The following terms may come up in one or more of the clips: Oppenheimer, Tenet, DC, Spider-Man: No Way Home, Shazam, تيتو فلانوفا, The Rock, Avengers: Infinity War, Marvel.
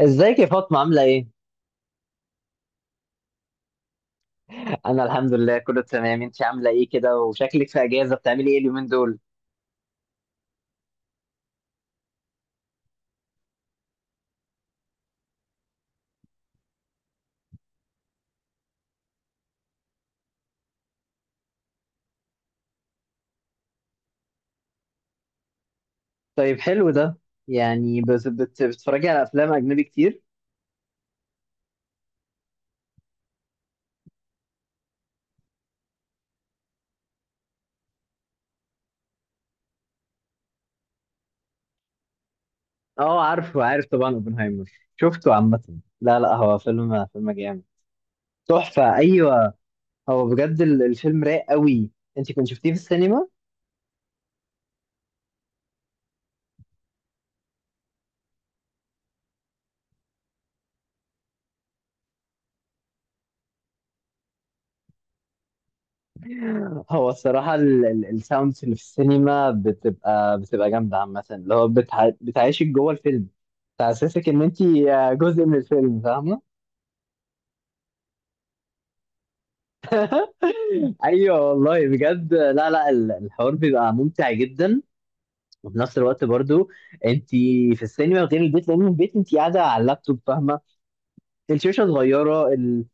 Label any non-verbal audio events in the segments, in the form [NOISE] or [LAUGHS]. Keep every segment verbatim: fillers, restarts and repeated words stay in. ازيك يا فاطمة، عاملة ايه؟ أنا الحمد لله كله تمام. انت عاملة ايه كده وشكلك في أجازة، بتعملي ايه اليومين دول؟ طيب حلو ده. يعني بت- بت- بتتفرجي على أفلام أجنبي كتير؟ اه، عارفه عارف طبعا اوبنهايمر. شفته عامة، لا لا، هو فيلم فيلم جامد. تحفة، أيوه. هو بجد ال- الفيلم رايق قوي. انت كنت شفتيه في السينما؟ هو الصراحة ال- ال- الساوندز اللي في السينما بتبقى بتبقى جامدة عامة، اللي هو بتع- بتعيشك جوه الفيلم، بتحسسك إن انت جزء من الفيلم، فاهمة؟ ايوه والله، بجد، لا لا، ال- الحوار بيبقى ممتع جدا. وفي نفس الوقت برضو انت في السينما غير البيت، لان البيت انت قاعده على اللابتوب، فاهمه، الشاشه صغيره، ال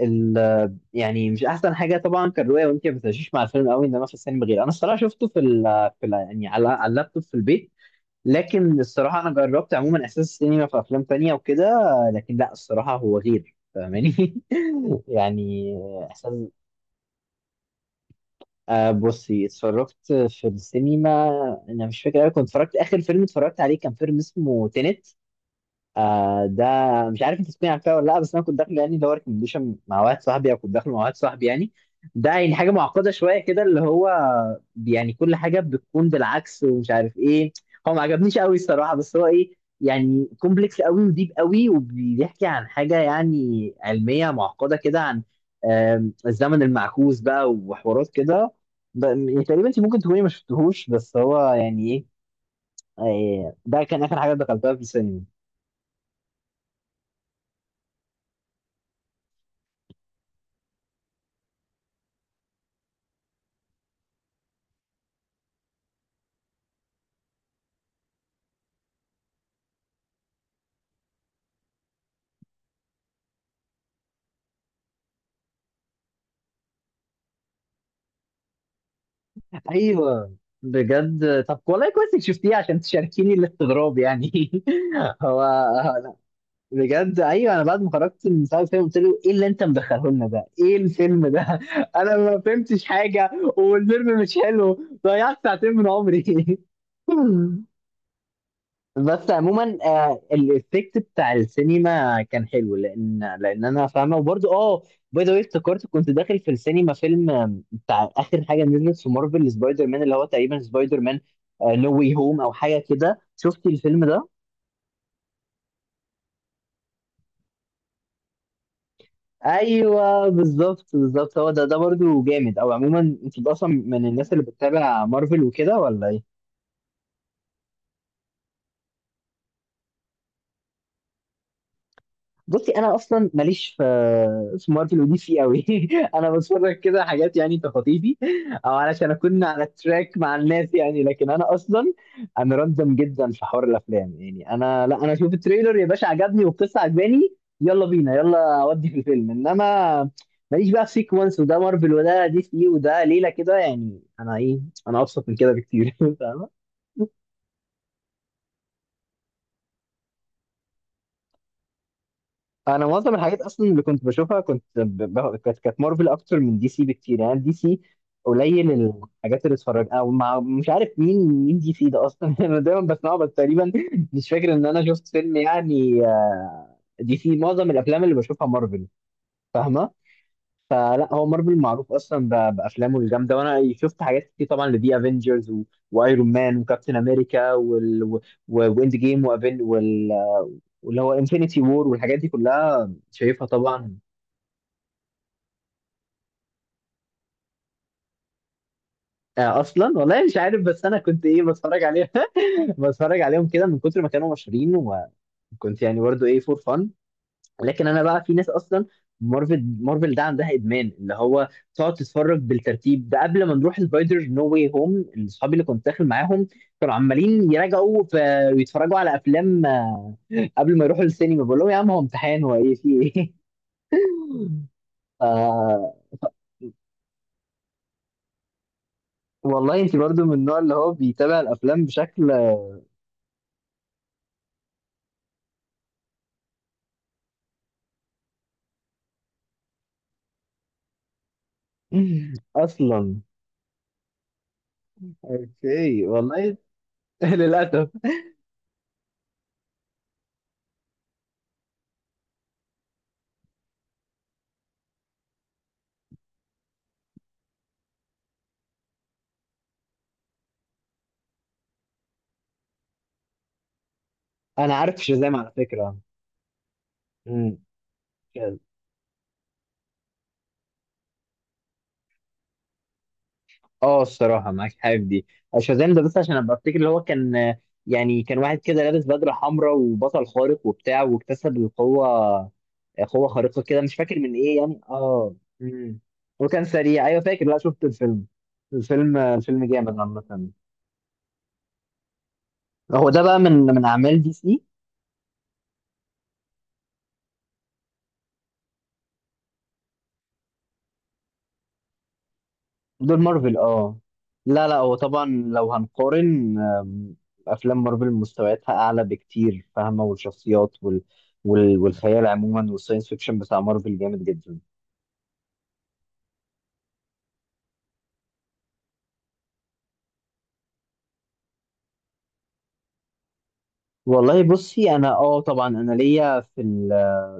ال يعني مش احسن حاجه طبعا كالرؤيه، وانت ما بتعيشيش مع الفيلم قوي، انما في السينما غير. انا الصراحه شفته في ال في ال يعني على على اللابتوب في البيت، لكن الصراحه انا جربت عموما احساس السينما في افلام تانية وكده، لكن لا، الصراحه هو غير، فاهماني؟ [LAUGHS] يعني احساس. آه بصي، اتفرجت في السينما، انا مش فاكر أوي، كنت اتفرجت اخر فيلم اتفرجت عليه كان فيلم اسمه تينت. آه ده مش عارف انت تسمعي فيها ولا لا، بس انا كنت داخل يعني اللي هو ريكومنديشن مع واحد صاحبي، او كنت داخل مع واحد صاحبي يعني. ده يعني حاجه معقده شويه كده، اللي هو يعني كل حاجه بتكون بالعكس ومش عارف ايه. هو ما عجبنيش قوي الصراحه، بس هو ايه، يعني كومبلكس قوي وديب قوي، وبيحكي عن حاجه يعني علميه معقده كده، عن آم، الزمن المعكوس بقى وحوارات كده. ب- يعني تقريبا انت ممكن تكوني ما شفتهوش، بس هو يعني ايه. آه، ده كان اخر حاجه دخلتها في السينما. ايوه بجد، طب والله كويس انك شفتيه عشان تشاركيني الاستغراب يعني. [LAUGHS] هو بجد، ايوه، انا بعد ما خرجت من ساعه الفيلم قلت له ايه اللي انت مدخله لنا ده؟ ايه الفيلم ده؟ [LAUGHS] انا ما فهمتش حاجه، والفيلم مش حلو، ضيعت ساعتين من عمري. [LAUGHS] بس عموما آه الافكت بتاع السينما كان حلو، لان لان انا فاهمه، وبرده اه. باي ذا واي، افتكرت كنت داخل في السينما فيلم، آم، بتاع اخر حاجه نزلت في مارفل سبايدر مان، اللي هو تقريبا سبايدر مان نو واي هوم او حاجه كده، شفتي الفيلم ده؟ ايوه بالظبط بالظبط، هو ده ده برده جامد. او عموما انت اصلا من الناس اللي بتتابع مارفل وكده ولا ايه؟ بصي، انا اصلا ماليش في في مارفل ودي سي قوي، [LAUGHS] انا بتفرج كده حاجات يعني تخطيفي، او علشان اكون على التراك مع الناس يعني. لكن انا اصلا، انا راندم جدا في حوار الافلام، يعني انا لا، انا اشوف التريلر يا باشا عجبني والقصه عجباني، يلا بينا يلا اودي في الفيلم. انما ماليش بقى في سيكونس وده مارفل وده دي سي وده ليله كده، يعني انا ايه، انا ابسط من كده بكتير. [LAUGHS] فاهمه، انا معظم الحاجات اصلا اللي كنت بشوفها كنت ب- ب- كانت كانت مارفل اكتر من دي سي بكتير. يعني دي سي قليل الحاجات اللي اتفرج، او مع مش عارف مين مين دي سي ده اصلا، [LAUGHS] انا دايما بسمعه بس، تقريبا مش فاكر ان انا شفت فيلم يعني آه، دي سي، معظم الافلام اللي بشوفها مارفل، فاهمه. فلا، هو مارفل معروف اصلا ب- بافلامه الجامده، وانا شفت حاجات كتير طبعا لدي افنجرز وايرون مان وكابتن امريكا وال و- واند جيم وأفن- وال- واللي هو انفينيتي وور، والحاجات دي كلها شايفها طبعا. آه، اصلا والله مش عارف بس انا كنت ايه، بتفرج عليهم. [LAUGHS] بتفرج عليهم كده من كتر ما كانوا مشهورين، وكنت يعني برضه ايه فور فن. لكن انا بقى في ناس اصلا مارفل مارفل ده عندها ادمان، اللي هو تقعد تتفرج بالترتيب ده. قبل ما نروح سبايدر نو واي هوم، اصحابي اللي كنت داخل معاهم كانوا عمالين يراجعوا ف- ويتفرجوا على افلام آه، قبل ما يروحوا السينما، بقول لهم يا عم هو امتحان، هو ايه في ايه؟ [LAUGHS] آه، والله انت برضو من النوع اللي هو بيتابع الافلام بشكل. [LAUGHS] اصلا، اوكي والله. [LAUGHS] للاسف. انا عارف شازام على فكره. امم شاز- اه الصراحه معاك حاجه في دي. شازام ده بس عشان ابقى افتكر، اللي هو كان آه، يعني كان واحد كده لابس بدله حمراء وبطل خارق وبتاع، واكتسب القوه، آه، قوه خارقه كده، مش فاكر من ايه يعني، اه. امم وكان سريع، ايوه فاكر، لا شفت الفيلم الفيلم آه، الفيلم جامد عامه. هو ده بقى من من اعمال دي سي. دول مارفل، اه. لا لا، هو طبعا لو هنقارن، آم، افلام مارفل مستوياتها اعلى بكتير، فاهمه، والشخصيات وال... وال... والخيال عموما، والساينس فيكشن بتاع مارفل جامد جدا. والله بصي، انا اه طبعا انا ليا في ال...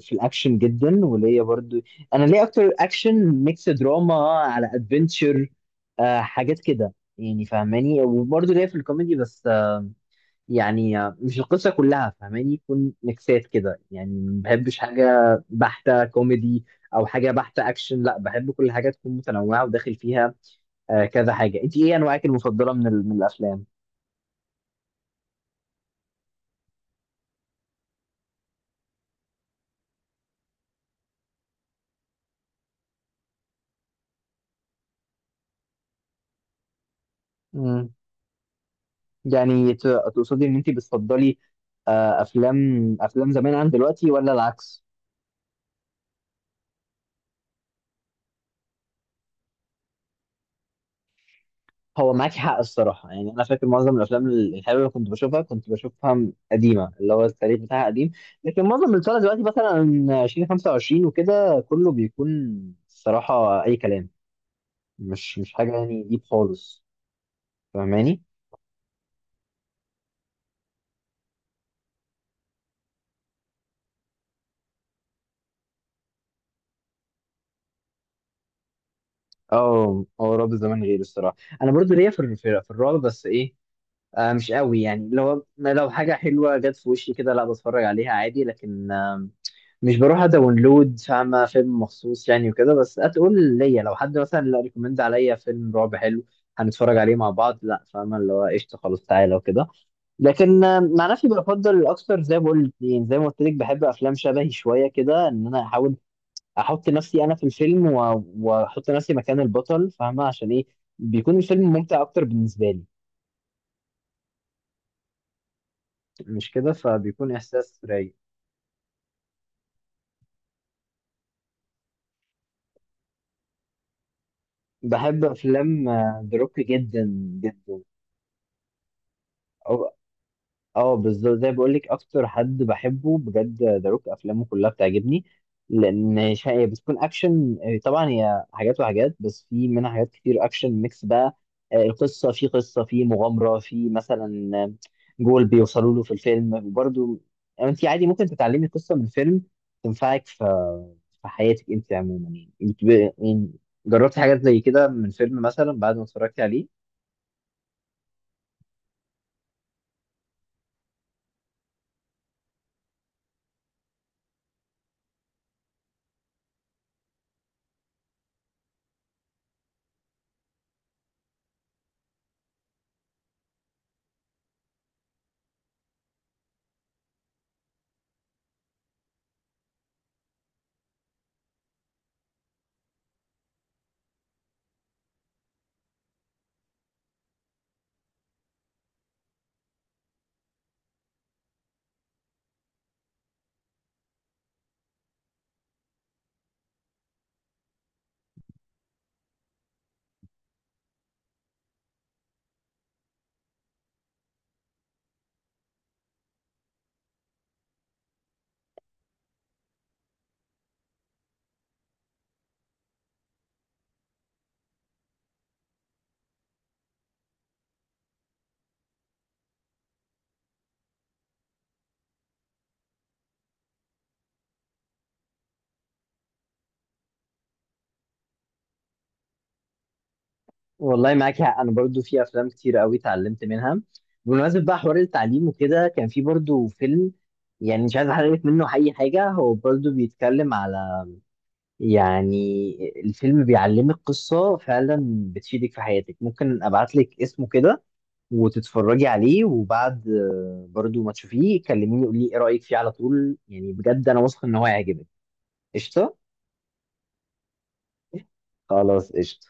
في الاكشن جدا، وليا برضو، انا ليا اكتر اكشن ميكس دراما على ادفنتشر، آه حاجات كده يعني، فاهماني. وبرضو ليا في الكوميدي، بس يعني مش القصة كلها، فاهماني، يكون ميكسات كده، يعني ما بحبش حاجة بحتة كوميدي، أو حاجة بحتة أكشن، لا، بحب كل حاجة تكون متنوعة وداخل فيها آه، كذا حاجة. أنت إيه أنواعك المفضلة من, ال- من الأفلام؟ مم. يعني ت- تقصدي إن أنت بتفضلي آه، أفلام أفلام زمان عن دلوقتي، ولا العكس؟ هو معاك حق الصراحة، يعني أنا فاكر معظم الأفلام الحلوة اللي كنت بشوفها كنت بشوفها م- قديمة، اللي هو التاريخ بتاعها قديم، لكن معظم اللي طالع دلوقتي مثلا ألفين وخمسة وعشرين وكده كله بيكون الصراحة أي كلام، مش مش حاجة يعني ديب خالص، فاهماني؟ اه، هو رعب زمان غير الصراحة، أنا برضو ليا في ال- في في الرعب، بس إيه، آه مش قوي يعني، لو لو حاجة حلوة جت في وشي كده لا، بتفرج عليها عادي، لكن مش بروح اداونلود فاهمة فيلم مخصوص يعني وكده. بس هتقول ليا لو حد مثلا لا، ريكومند عليا فيلم رعب حلو هنتفرج عليه مع بعض، لا، فاهمة اللي هو قشطة خلاص تعالى وكده. لكن آه، مع نفسي بفضل اكتر زي ما قلت يعني زي ما قلت لك بحب افلام شبهي شوية كده، ان انا احاول احط نفسي انا في الفيلم، و- واحط نفسي مكان البطل، فاهمة عشان ايه، بيكون الفيلم ممتع اكتر بالنسبة لي، مش كده، فبيكون احساس رايق. بحب افلام ذا روك جدا، جدا، اه بالظبط، زي بقول لك اكتر حد بحبه بجد ذا روك، افلامه كلها بتعجبني، لان ش- هي بتكون اكشن، آه، طبعا هي حاجات وحاجات، بس في منها حاجات كتير اكشن ميكس بقى، آه، القصه، في قصه، في مغامره، في مثلا آه، جول بيوصلوا له في الفيلم، وبرده انت عادي ممكن تتعلمي قصه من فيلم تنفعك في في حياتك، انت عموما يعني. انت ب- يعني جربتي حاجات زي كده من فيلم مثلا بعد ما اتفرجتي عليه؟ والله معاك حق، انا برضو في افلام كتير قوي اتعلمت منها. بمناسبه بقى حوار التعليم وكده، كان في برضو فيلم، يعني مش عايز احرق لك منه اي حاجه، هو برضو بيتكلم على، يعني الفيلم بيعلمك قصه فعلا بتفيدك في حياتك. ممكن ابعت لك اسمه كده وتتفرجي عليه، وبعد آه، برضو ما تشوفيه كلميني قولي ايه رايك فيه على طول، يعني بجد انا واثق ان هو هيعجبك. قشطه. خلاص قشطه.